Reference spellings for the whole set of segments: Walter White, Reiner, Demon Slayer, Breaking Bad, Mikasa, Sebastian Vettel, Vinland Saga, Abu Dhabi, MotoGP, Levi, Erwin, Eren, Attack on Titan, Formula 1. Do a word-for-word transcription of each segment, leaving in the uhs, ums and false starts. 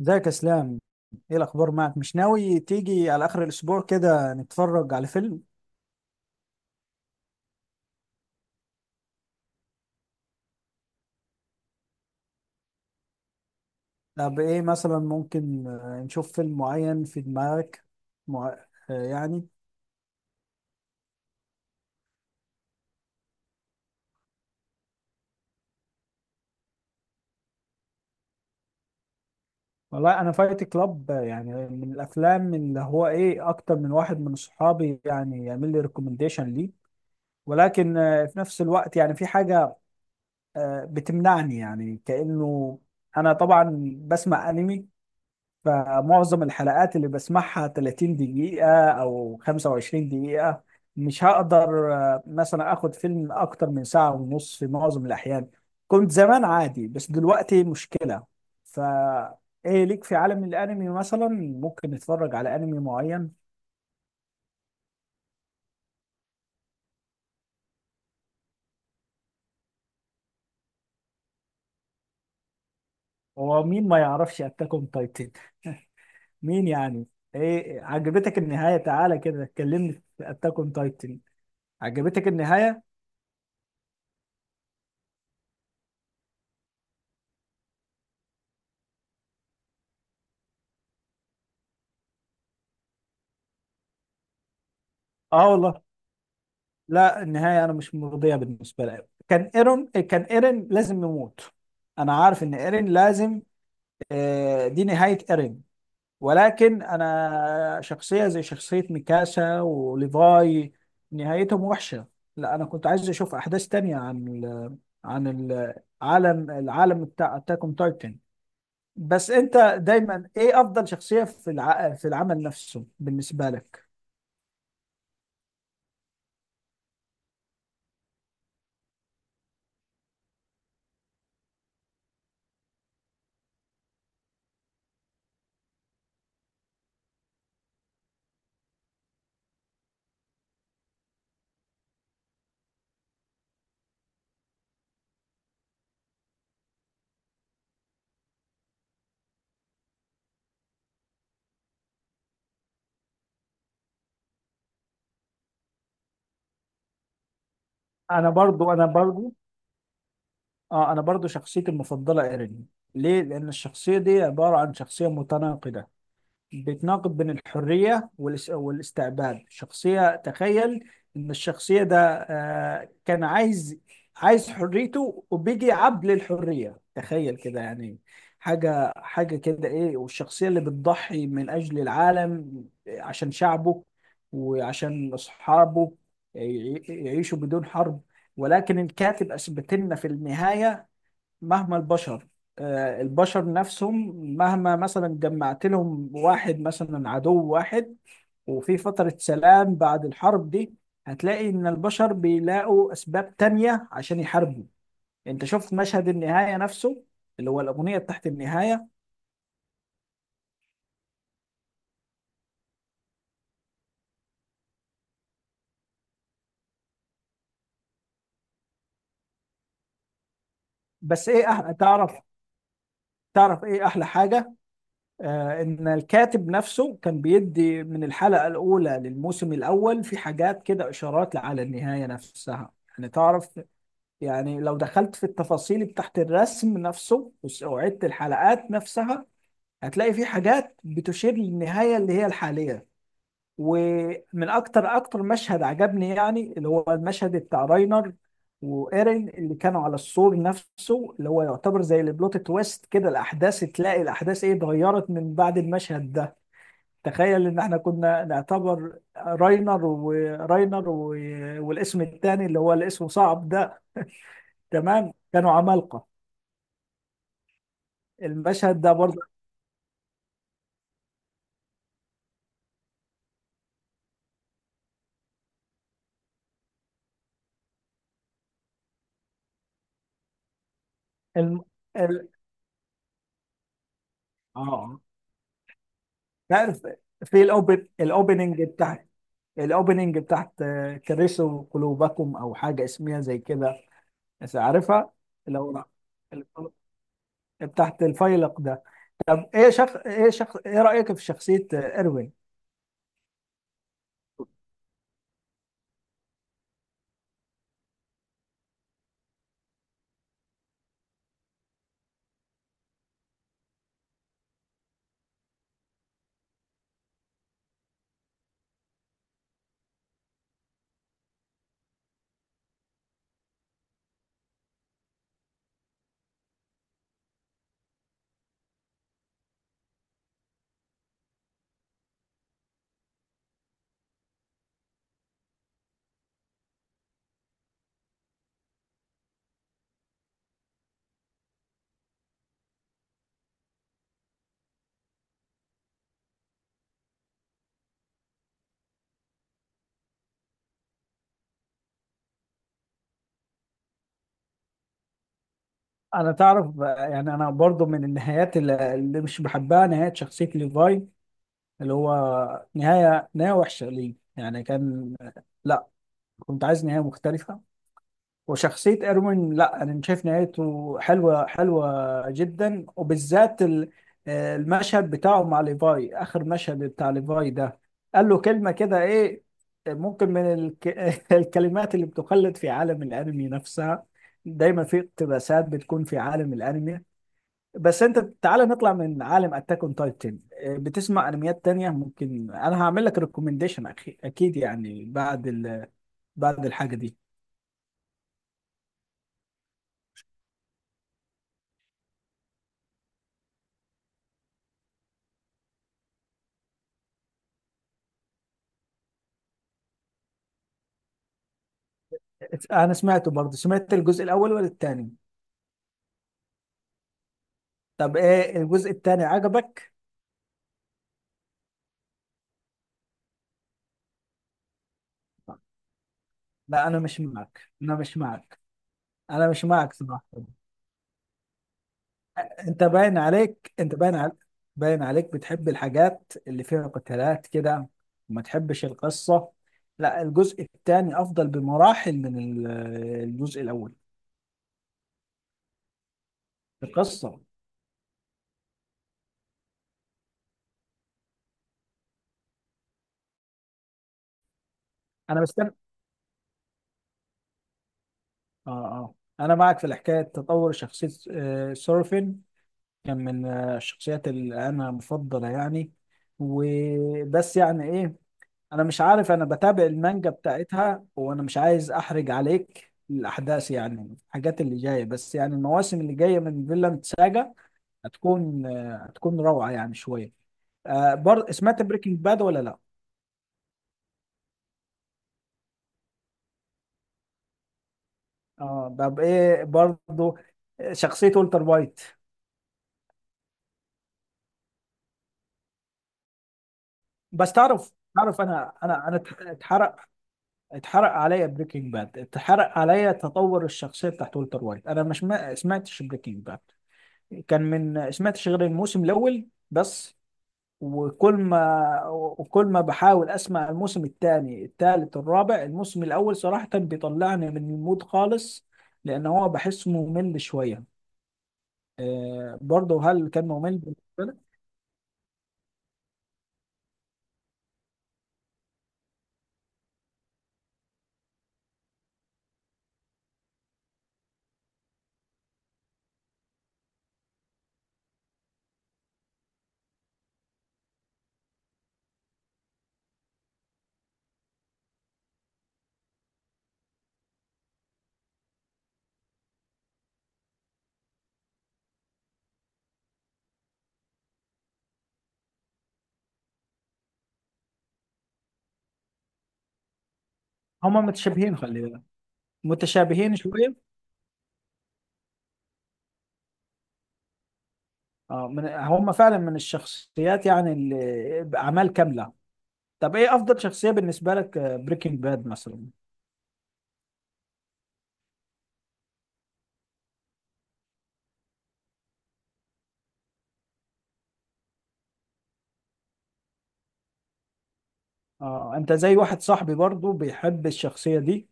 ازيك يا اسلام. ايه الاخبار معك؟ مش ناوي تيجي على اخر الاسبوع كده نتفرج على فيلم؟ طب ايه مثلا ممكن، آه، نشوف فيلم معين في دماغك؟ مع... آه، يعني. والله انا فايت كلاب، آه، يعني من الافلام اللي هو ايه اكتر من واحد من صحابي يعني يعمل لي ريكومنديشن ليه. ولكن آه، في نفس الوقت يعني في حاجة آه، بتمنعني يعني كأنه. انا طبعا بسمع انمي، فمعظم الحلقات اللي بسمعها 30 دقيقة أو 25 دقيقة. مش هقدر آه، مثلا آخد فيلم أكتر من ساعة ونص في معظم الأحيان. كنت زمان عادي بس دلوقتي مشكلة. فا إيه ليك في عالم الأنمي مثلا؟ ممكن نتفرج على أنمي معين. هو مين ما يعرفش أتاك أون تايتن؟ مين يعني. إيه، عجبتك النهاية؟ تعالى كده كلمني في أتاك أون تايتن. عجبتك النهاية؟ آه والله، لا النهاية أنا مش مرضية بالنسبة لي. كان إيرون كان إيرين لازم يموت. أنا عارف إن إيرين لازم، آه، دي نهاية إيرين. ولكن أنا شخصية زي شخصية ميكاسا وليفاي، نهايتهم وحشة. لا أنا كنت عايز أشوف أحداث تانية عن ال عن العالم العالم بتاع أتاك أون تايتن. بس أنت دايما إيه أفضل شخصية في الع... في العمل نفسه بالنسبة لك؟ أنا برضو أنا برضو اه انا برضو شخصيتي المفضله ايرين. ليه؟ لان الشخصيه دي عباره عن شخصيه متناقضه. بتناقض بين الحريه والاس- والاستعباد. شخصيه تخيل ان الشخصيه ده آه كان عايز عايز حريته، وبيجي عبد للحريه، تخيل كده يعني. حاجه حاجه كده ايه، والشخصيه اللي بتضحي من اجل العالم عشان شعبه وعشان اصحابه يعي- يعيشوا بدون حرب. ولكن الكاتب اثبت لنا في النهايه، مهما البشر، آه، البشر نفسهم مهما مثلا جمعت لهم واحد مثلا عدو واحد وفي فترة سلام بعد الحرب دي، هتلاقي إن البشر بيلاقوا أسباب تانية عشان يحاربوا. أنت شفت مشهد النهاية نفسه، اللي هو الأغنية تحت النهاية. بس إيه أحلى، تعرف؟ تعرف إيه أحلى حاجة؟ آه إن الكاتب نفسه كان بيدي من الحلقة الأولى للموسم الأول في حاجات كده، إشارات على النهاية نفسها. يعني تعرف، يعني لو دخلت في التفاصيل بتاعت الرسم نفسه وس- وعدت الحلقات نفسها، هتلاقي في حاجات بتشير للنهاية اللي هي الحالية. ومن أكتر أكتر مشهد عجبني يعني اللي هو المشهد بتاع راينر وإيرين اللي كانوا على السور نفسه، اللي هو يعتبر زي البلوت تويست كده. الأحداث تلاقي الأحداث إيه اتغيرت من بعد المشهد ده. تخيل إن إحنا كنا نعتبر راينر وراينر و... والاسم التاني اللي هو الاسم صعب ده. تمام كانوا عمالقة. المشهد ده برضه الم... ال... اه لا، في الاوبن الاوبننج بتاعت الاوبننج بتاعت آه، كرسوا قلوبكم او حاجه اسمها زي كده، بس عارفها. لو ال- بتاعت الفيلق ده. ايه شخ... ايه شخ... ايه رايك في شخصيه آه، اروين؟ انا تعرف، آه، يعني انا برضو من النهايات اللي اللي مش بحبها، نهايه شخصيه ليفاي اللي هو نهايه نهايه وحشه ليه يعني. كان لا، كنت عايز نهايه مختلفه. وشخصية إروين، لا أنا شايف نهايته حلوة حلوة جدا، وبالذات ال- آه، المشهد بتاعه مع ليفاي، آخر مشهد بتاع ليفاي ده قال له كلمة كده إيه. ممكن من الك... الكلمات اللي بتخلد في عالم الأنمي نفسها، دايما في اقتباسات بتكون في عالم الأنمي. بس أنت تعالى نطلع من عالم أتاك أون تايتن. بتسمع أنميات تانية؟ ممكن أنا هعمل لك ريكومنديشن أكيد، يعني بعد ال... بعد الحاجة دي. انا سمعته برضه. سمعت الجزء الاول ولا التاني؟ طب ايه، الجزء التاني عجبك؟ لا انا مش معك انا مش معك انا مش معك صراحة. انت باين عليك انت باين عليك باين عليك بتحب الحاجات اللي فيها قتالات كده، وما تحبش القصة. لا الجزء التاني افضل بمراحل من ال- الجزء الاول. القصة. انا بستنى. اه اه، انا معك في الحكاية. تطور شخصية آه، سورفين كان من آه، الشخصيات اللي انا مفضله يعني. وبس يعني ايه، انا مش عارف، انا بتابع المانجا بتاعتها وانا مش عايز احرج عليك الاحداث يعني الحاجات اللي جايه. بس يعني المواسم اللي جايه من فيلاند ساجا هتكون آه، هتكون روعه يعني شويه. آه برضه، سمعت بريكنج باد ولا لا؟ اه طب ايه برضه شخصيه والتر وايت؟ بس تعرف، تعرف انا انا انا اتحرق اتحرق عليا بريكنج باد، اتحرق عليا تطور الشخصيه بتاعت والتر وايت. انا مش ما سمعتش بريكنج باد. كان من سمعتش غير الموسم الاول بس. وكل ما وكل ما بحاول اسمع الموسم الثاني الثالث الرابع، الموسم الاول صراحه بيطلعني من المود خالص. لان هو بحسه ممل شويه. آه برضه هل كان ممل بالنسبه لك؟ هما متشابهين، خلي بالك، متشابهين شويه. اه، من هم فعلا من الشخصيات يعني اللي اعمال كامله. طب ايه افضل شخصية بالنسبة لك بريكنج باد مثلا؟ اه، انت زي واحد صاحبي برضو بيحب الشخصية دي.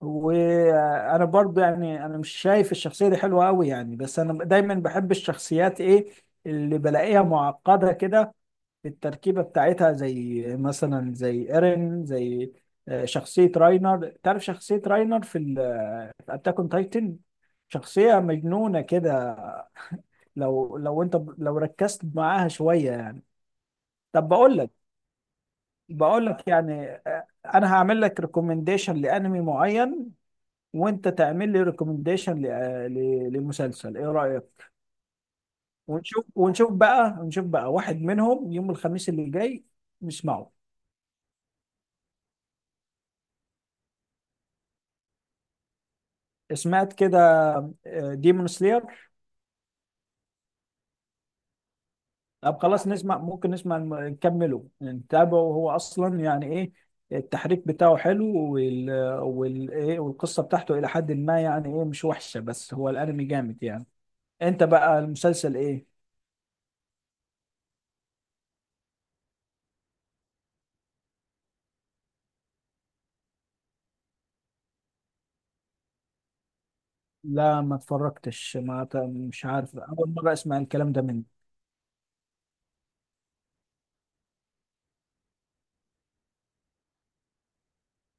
وانا برضو، يعني انا مش شايف الشخصية دي حلوة قوي يعني، بس انا دايما بحب الشخصيات ايه اللي بلاقيها معقدة كده في التركيبة بتاعتها، زي مثلا زي ايرين، زي آه، شخصية راينر. تعرف شخصية راينر في ال- في اتاك اون تايتن؟ شخصية مجنونة كده لو لو انت لو ركزت معاها شوية يعني. طب بقول لك بقول لك يعني، آه، انا هعمل لك ريكومنديشن لانمي معين، وانت تعمل لي ريكومنديشن لمسلسل. ايه رايك؟ ونشوف ونشوف بقى ونشوف بقى واحد منهم يوم الخميس اللي جاي نسمعه. سمعت كده ديمون سلاير؟ طب خلاص نسمع، ممكن نسمع، الم- نكمله نتابعه. هو اصلا يعني ايه، التحريك بتاعه حلو، وال وال ايه والقصه بتاعته الى حد ما يعني ايه مش وحشه، بس هو الانمي جامد يعني. انت بقى المسلسل ايه؟ لا ما اتفرجتش، ما ت- مش عارف، اول مره اسمع الكلام ده منك.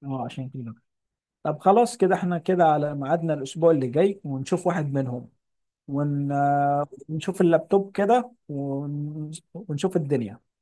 اه عشان كده. طب خلاص كده احنا كده على ميعادنا الاسبوع اللي جاي، ونشوف واحد منهم ون... آه، ونشوف اللابتوب كده، ون... ونشوف الدنيا.